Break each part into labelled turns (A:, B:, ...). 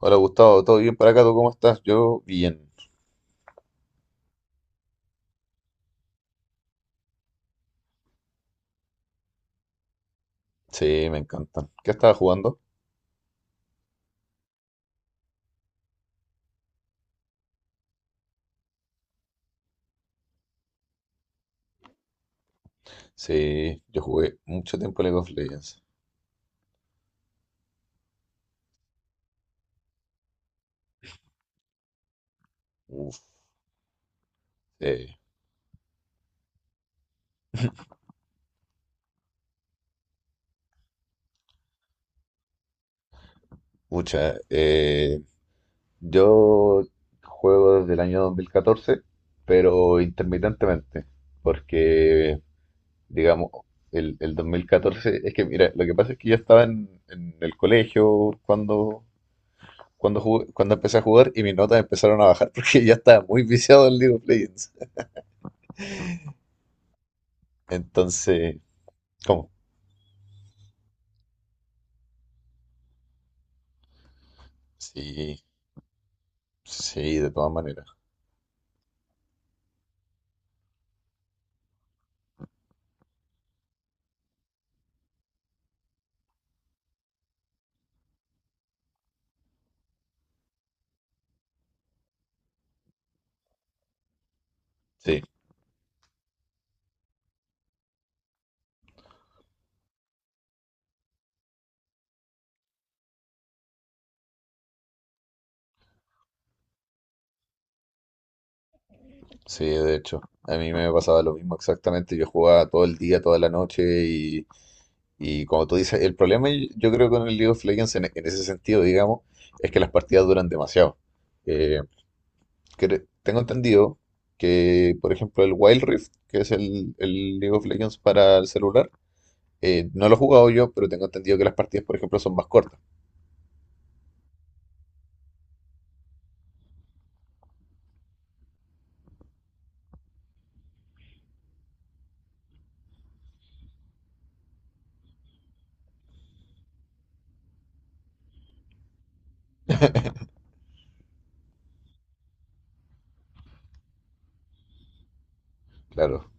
A: Hola Gustavo, ¿todo bien para acá? ¿Tú cómo estás? Yo bien. Sí, me encantan. ¿Qué estabas jugando? Sí, yo jugué mucho tiempo League of Legends. Uf, eh, mucha. Yo juego desde el año 2014, pero intermitentemente, porque, digamos, el 2014 es que mira, lo que pasa es que yo estaba en el colegio cuando empecé a jugar y mis notas empezaron a bajar porque ya estaba muy viciado en League of Legends. Entonces... ¿Cómo? Sí, sí, de todas maneras. Sí, sí, de hecho. A mí me pasaba lo mismo exactamente. Yo jugaba todo el día, toda la noche y como tú dices, el problema yo creo con el League of Legends en ese sentido, digamos, es que las partidas duran demasiado. Eh, Tengo entendido que, por ejemplo, el Wild Rift, que es el League of Legends para el celular, no lo he jugado yo, pero tengo entendido que las partidas, por ejemplo, son más cortas. Claro.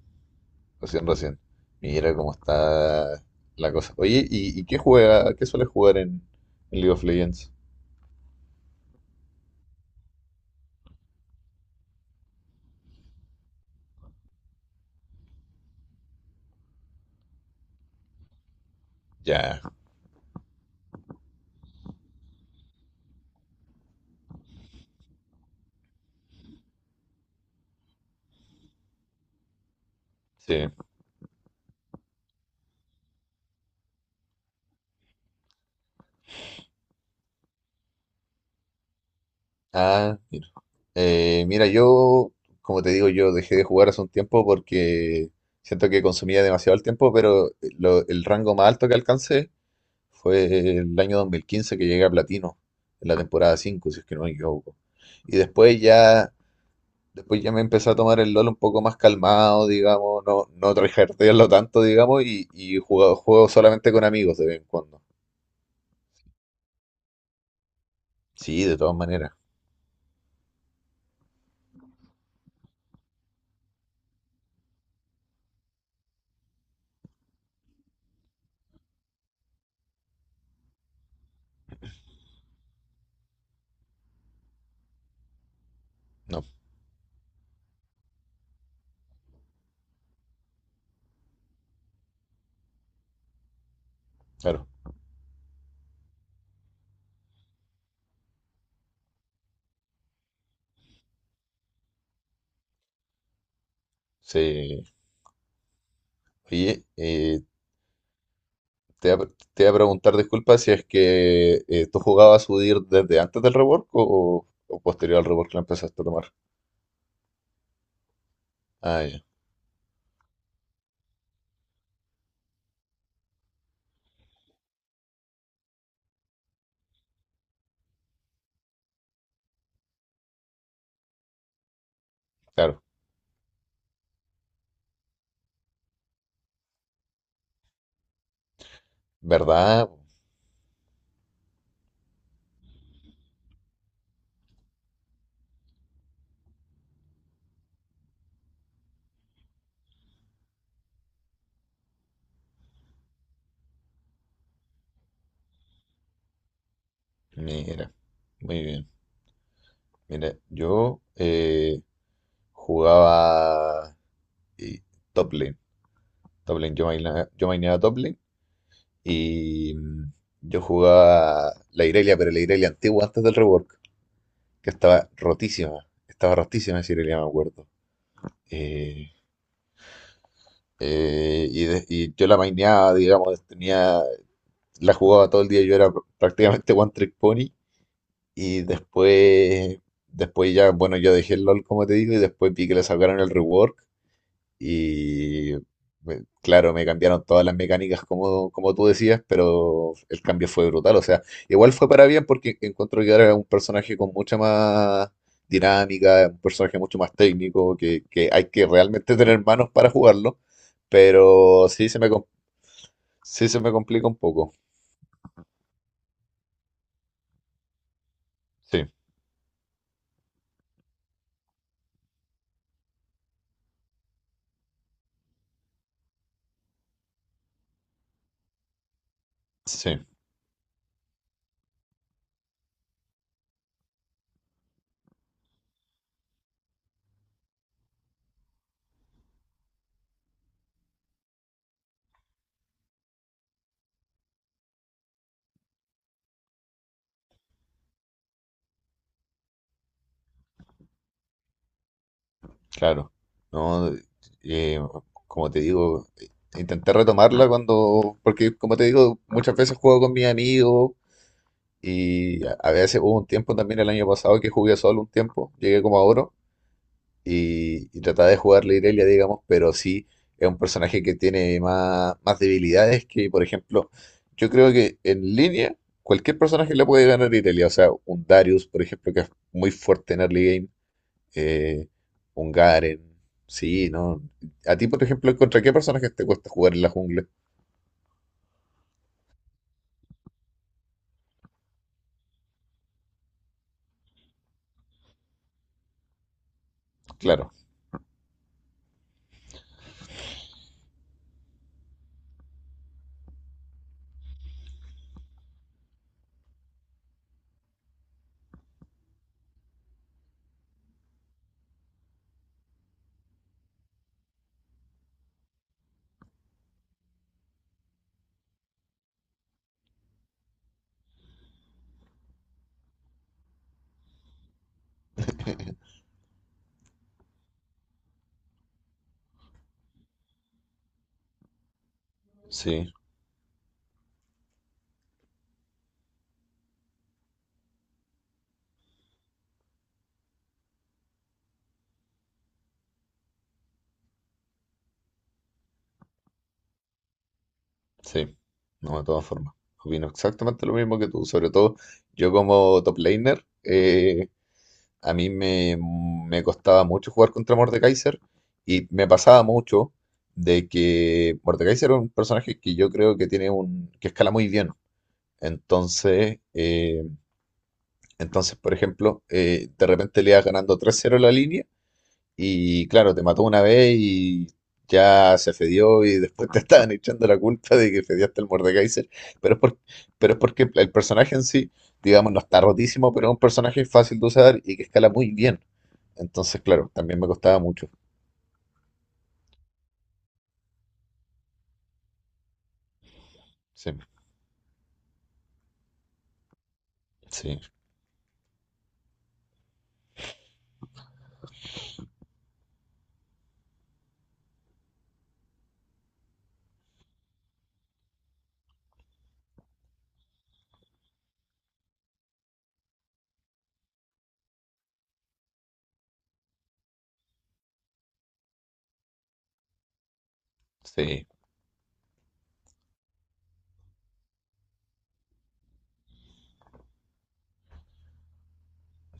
A: Recién, recién. Mira cómo está la cosa. Oye, ¿y qué juega? ¿Qué suele jugar en League of Legends? Ya, sí. Ah, mira. Mira, yo, como te digo, yo dejé de jugar hace un tiempo porque siento que consumía demasiado el tiempo, pero el rango más alto que alcancé fue el año 2015 que llegué a Platino, en la temporada 5 si es que no me equivoco. Y después ya Después ya me empecé a tomar el LOL un poco más calmado, digamos, no tryhardearlo tanto, digamos, y juego solamente con amigos de vez en cuando. Sí, de todas maneras. No, claro. Sí. Oye, te voy a preguntar, disculpa, si es que tú jugabas UDIR desde antes del rework o posterior al rework la empezaste a tomar. Ah, ya, claro. ¿Verdad? Mira, muy bien. Mira, yo jugaba eh, top lane. Top lane. Yo maineaba top lane y mm, yo jugaba la Irelia, pero la Irelia antigua antes del rework, que estaba rotísima. Estaba rotísima esa Irelia, me acuerdo. Eh, y yo la maineaba, digamos, tenía, la jugaba todo el día. Yo era prácticamente One Trick Pony. Y después, después ya, bueno, yo dejé el LOL, como te digo, y después vi que le sacaron el rework. Y claro, me cambiaron todas las mecánicas como, como tú decías, pero el cambio fue brutal. O sea, igual fue para bien porque encuentro que ahora es un personaje con mucha más dinámica, un personaje mucho más técnico, que hay que realmente tener manos para jugarlo, pero sí se me complica un poco. Sí, sí, claro. No, eh, como te digo, intenté retomarla cuando, porque como te digo, muchas veces juego con mis amigos. Y a veces hubo un tiempo también el año pasado que jugué solo un tiempo, llegué como a oro y trataba de jugar la Irelia, digamos, pero sí es un personaje que tiene más debilidades que, por ejemplo, yo creo que en línea cualquier personaje le puede ganar a Irelia, o sea, un Darius, por ejemplo, que es muy fuerte en early game, eh, un Garen, sí, ¿no? A ti, por ejemplo, ¿contra qué personajes te cuesta jugar en la jungla? Claro, sí. Sí, no, de todas formas. Opino exactamente lo mismo que tú. Sobre todo, yo como top laner, a mí me, me costaba mucho jugar contra Mordekaiser y me pasaba mucho de que Mordekaiser es un personaje que yo creo que que escala muy bien. Entonces, eh, entonces, por ejemplo, de repente le ibas ganando tres cero la línea y claro, te mató una vez y ya se fedió y después te estaban echando la culpa de que fediaste el Mordekaiser. Pero es, por- pero es porque el personaje en sí, digamos, no está rotísimo, pero es un personaje fácil de usar y que escala muy bien. Entonces, claro, también me costaba mucho. Sí, sí, sí,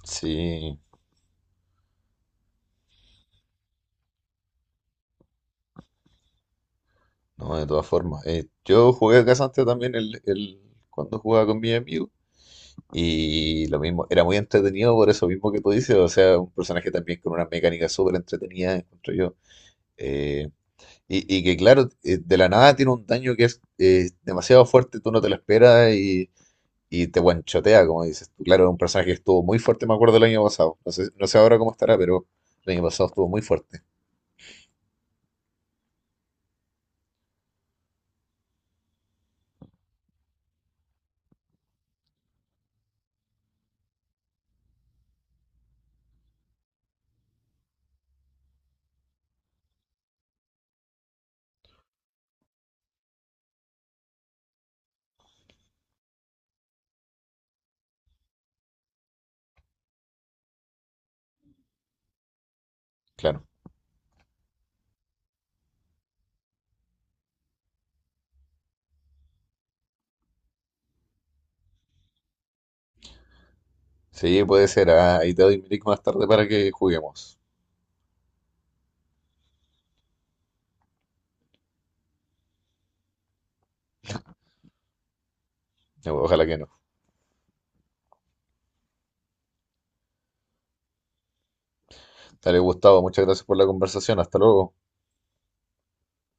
A: sí. No, de todas formas. Yo jugué Casante también cuando jugaba con mi amigo. Y lo mismo, era muy entretenido por eso mismo que tú dices. O sea, un personaje también con una mecánica súper entretenida, encuentro yo. Eh, y que claro, de la nada tiene un daño que es demasiado fuerte, tú no te lo esperas y te guanchotea, como dices tú. Claro, es un personaje que estuvo muy fuerte, me acuerdo el año pasado. No sé, no sé ahora cómo estará, pero el año pasado estuvo muy fuerte. Claro. Sí, puede ser. Ah, ahí te doy mi link más tarde para que juguemos. Ojalá que no. Dale, Gustavo, muchas gracias por la conversación. Hasta luego.